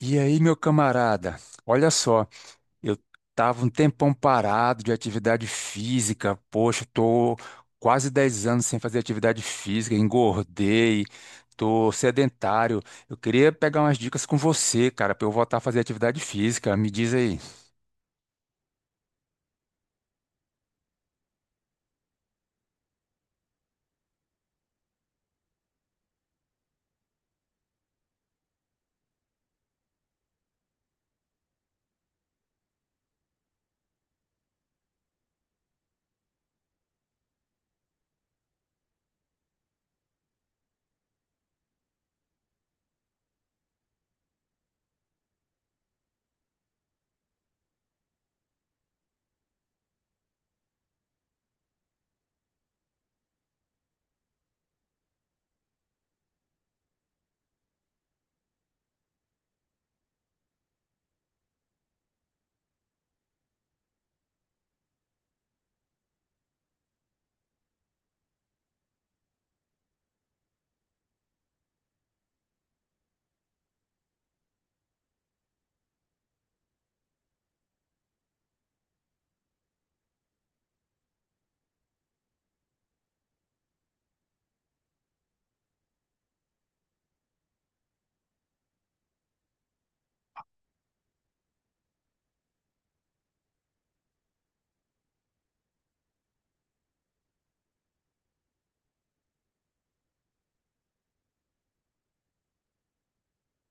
E aí, meu camarada, olha só, eu tava um tempão parado de atividade física, poxa, tô quase 10 anos sem fazer atividade física, engordei, tô sedentário. Eu queria pegar umas dicas com você, cara, pra eu voltar a fazer atividade física. Me diz aí.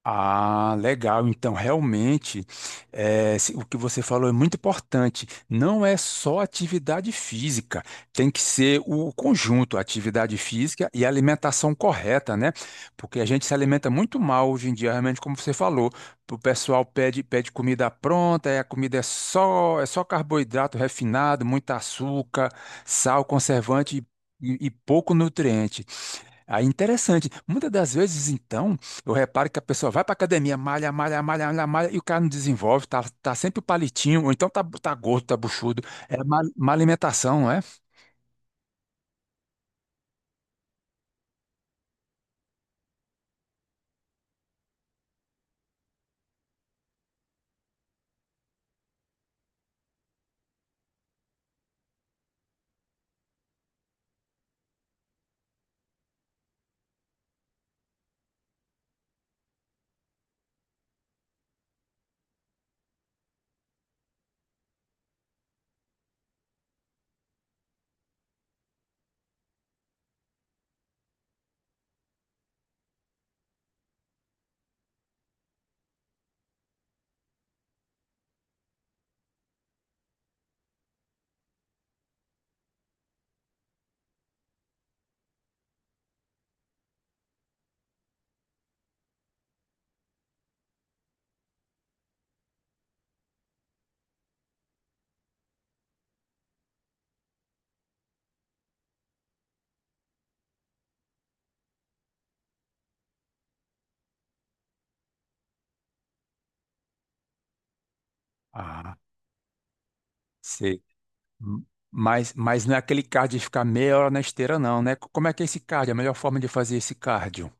Ah, legal. Então, realmente, o que você falou é muito importante. Não é só atividade física, tem que ser o conjunto, atividade física e alimentação correta, né? Porque a gente se alimenta muito mal hoje em dia, realmente, como você falou. O pessoal pede comida pronta, e a comida é só carboidrato refinado, muito açúcar, sal, conservante e pouco nutriente. Aí, interessante. Muitas das vezes, então, eu reparo que a pessoa vai para academia, malha, malha, malha, malha, malha, e o cara não desenvolve, tá sempre o palitinho, ou então tá gordo, tá buchudo. É má, má alimentação, não é? Ah, sei. M- mas não é aquele cardio de ficar meia hora na esteira, não, né? Como é que é esse cardio? A melhor forma de fazer esse cardio?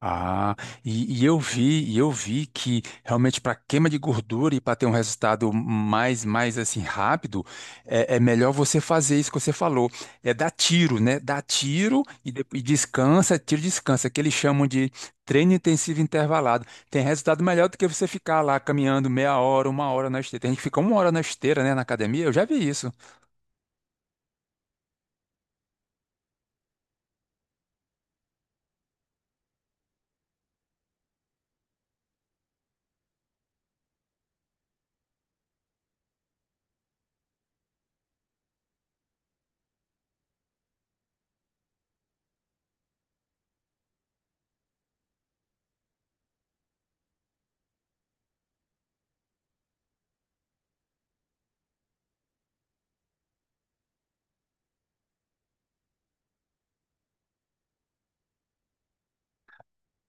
Ah, e eu vi que realmente para queima de gordura e para ter um resultado mais assim rápido, é melhor você fazer isso que você falou, é dar tiro, né? Dar tiro e descansa, tiro e descansa, que eles chamam de treino intensivo intervalado. Tem resultado melhor do que você ficar lá caminhando meia hora, uma hora na esteira. Tem gente que fica uma hora na esteira, né, na academia. Eu já vi isso.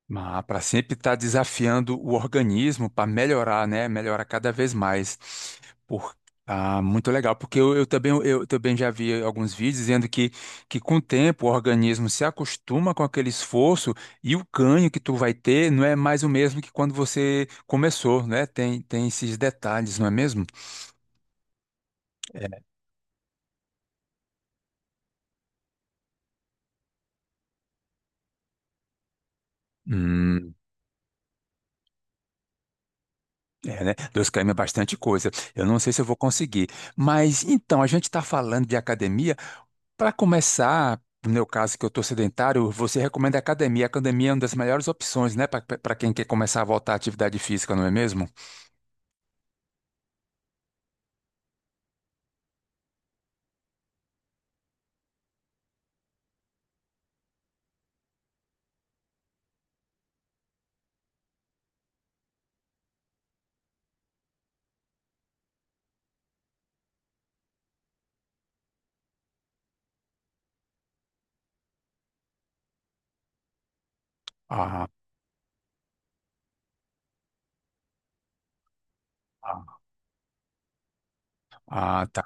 Mas para sempre estar desafiando o organismo para melhorar, né? Melhorar cada vez mais. Por... Ah, muito legal, porque eu também já vi alguns vídeos dizendo que com o tempo o organismo se acostuma com aquele esforço e o ganho que tu vai ter não é mais o mesmo que quando você começou, né? Tem esses detalhes, não é mesmo? É. Hum, é, né? 2 km é bastante coisa. Eu não sei se eu vou conseguir. Mas então, a gente está falando de academia. Para começar, no meu caso, que eu estou sedentário, você recomenda a academia. A academia é uma das melhores opções, né, para quem quer começar a voltar à atividade física, não é mesmo? Ah, ah, ah, tá.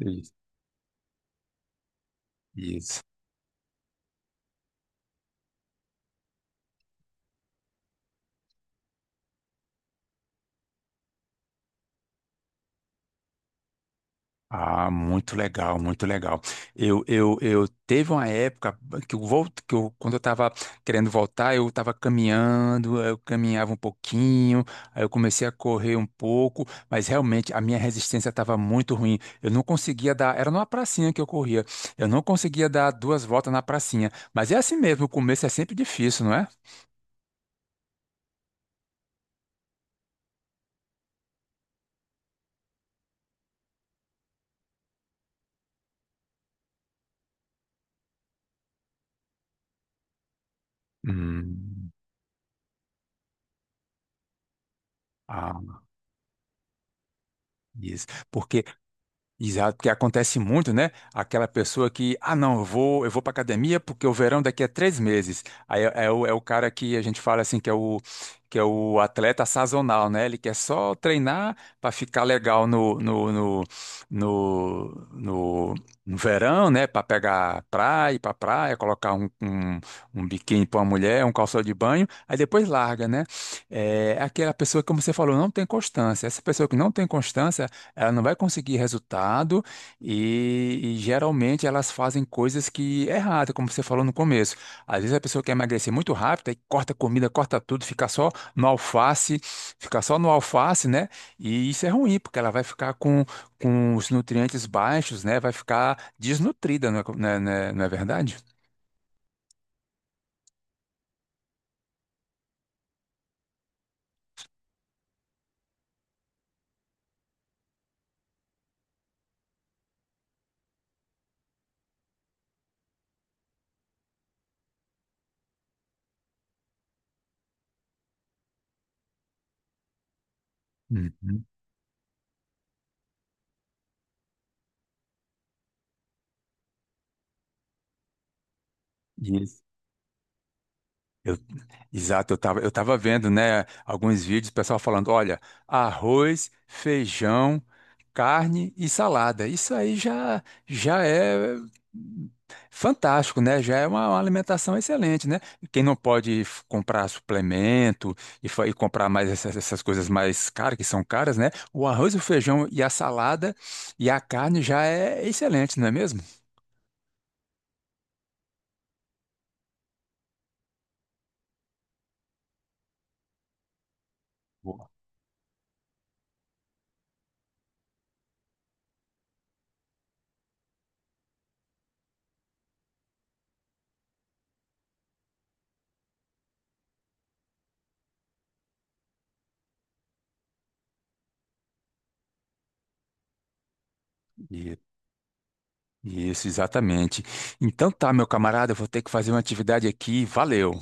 Isso. Isso. Ah, muito legal, muito legal. Eu teve uma época que eu volto, que eu, quando eu estava querendo voltar, eu estava caminhando, eu caminhava um pouquinho, aí eu comecei a correr um pouco, mas realmente a minha resistência estava muito ruim. Eu não conseguia dar, era numa pracinha que eu corria, eu não conseguia dar duas voltas na pracinha. Mas é assim mesmo, o começo é sempre difícil, não é? Hum. Ah, isso. Porque Exato, porque acontece muito, né? Aquela pessoa que, ah, não, eu vou para academia porque o verão daqui é 3 meses. Aí é o cara que a gente fala assim que é o atleta sazonal, né? Ele quer só treinar para ficar legal no, no- no verão, né? Para praia, colocar um biquíni para uma mulher, um calção de banho, aí depois larga, né? É aquela pessoa, como você falou, não tem constância. Essa pessoa que não tem constância ela não vai conseguir resultado e geralmente elas fazem coisas que é errada, como você falou no começo. Às vezes a pessoa quer emagrecer muito rápido, aí corta comida, corta tudo, fica só no alface, fica só no alface, né? E isso é ruim, porque ela vai ficar com os nutrientes baixos, né? Vai ficar desnutrida, não é verdade? Uhum. E- Eu- Exato, eu tava vendo, né, alguns vídeos, o pessoal falando, olha, arroz, feijão, carne e salada. Isso aí já é fantástico, né? Já é uma alimentação excelente, né? Quem não pode comprar suplemento e comprar mais essas coisas mais caras, que são caras, né? O arroz, o feijão e a salada e a carne já é excelente, não é mesmo? Boa. Isso, exatamente. Então tá, meu camarada, eu vou ter que fazer uma atividade aqui. Valeu.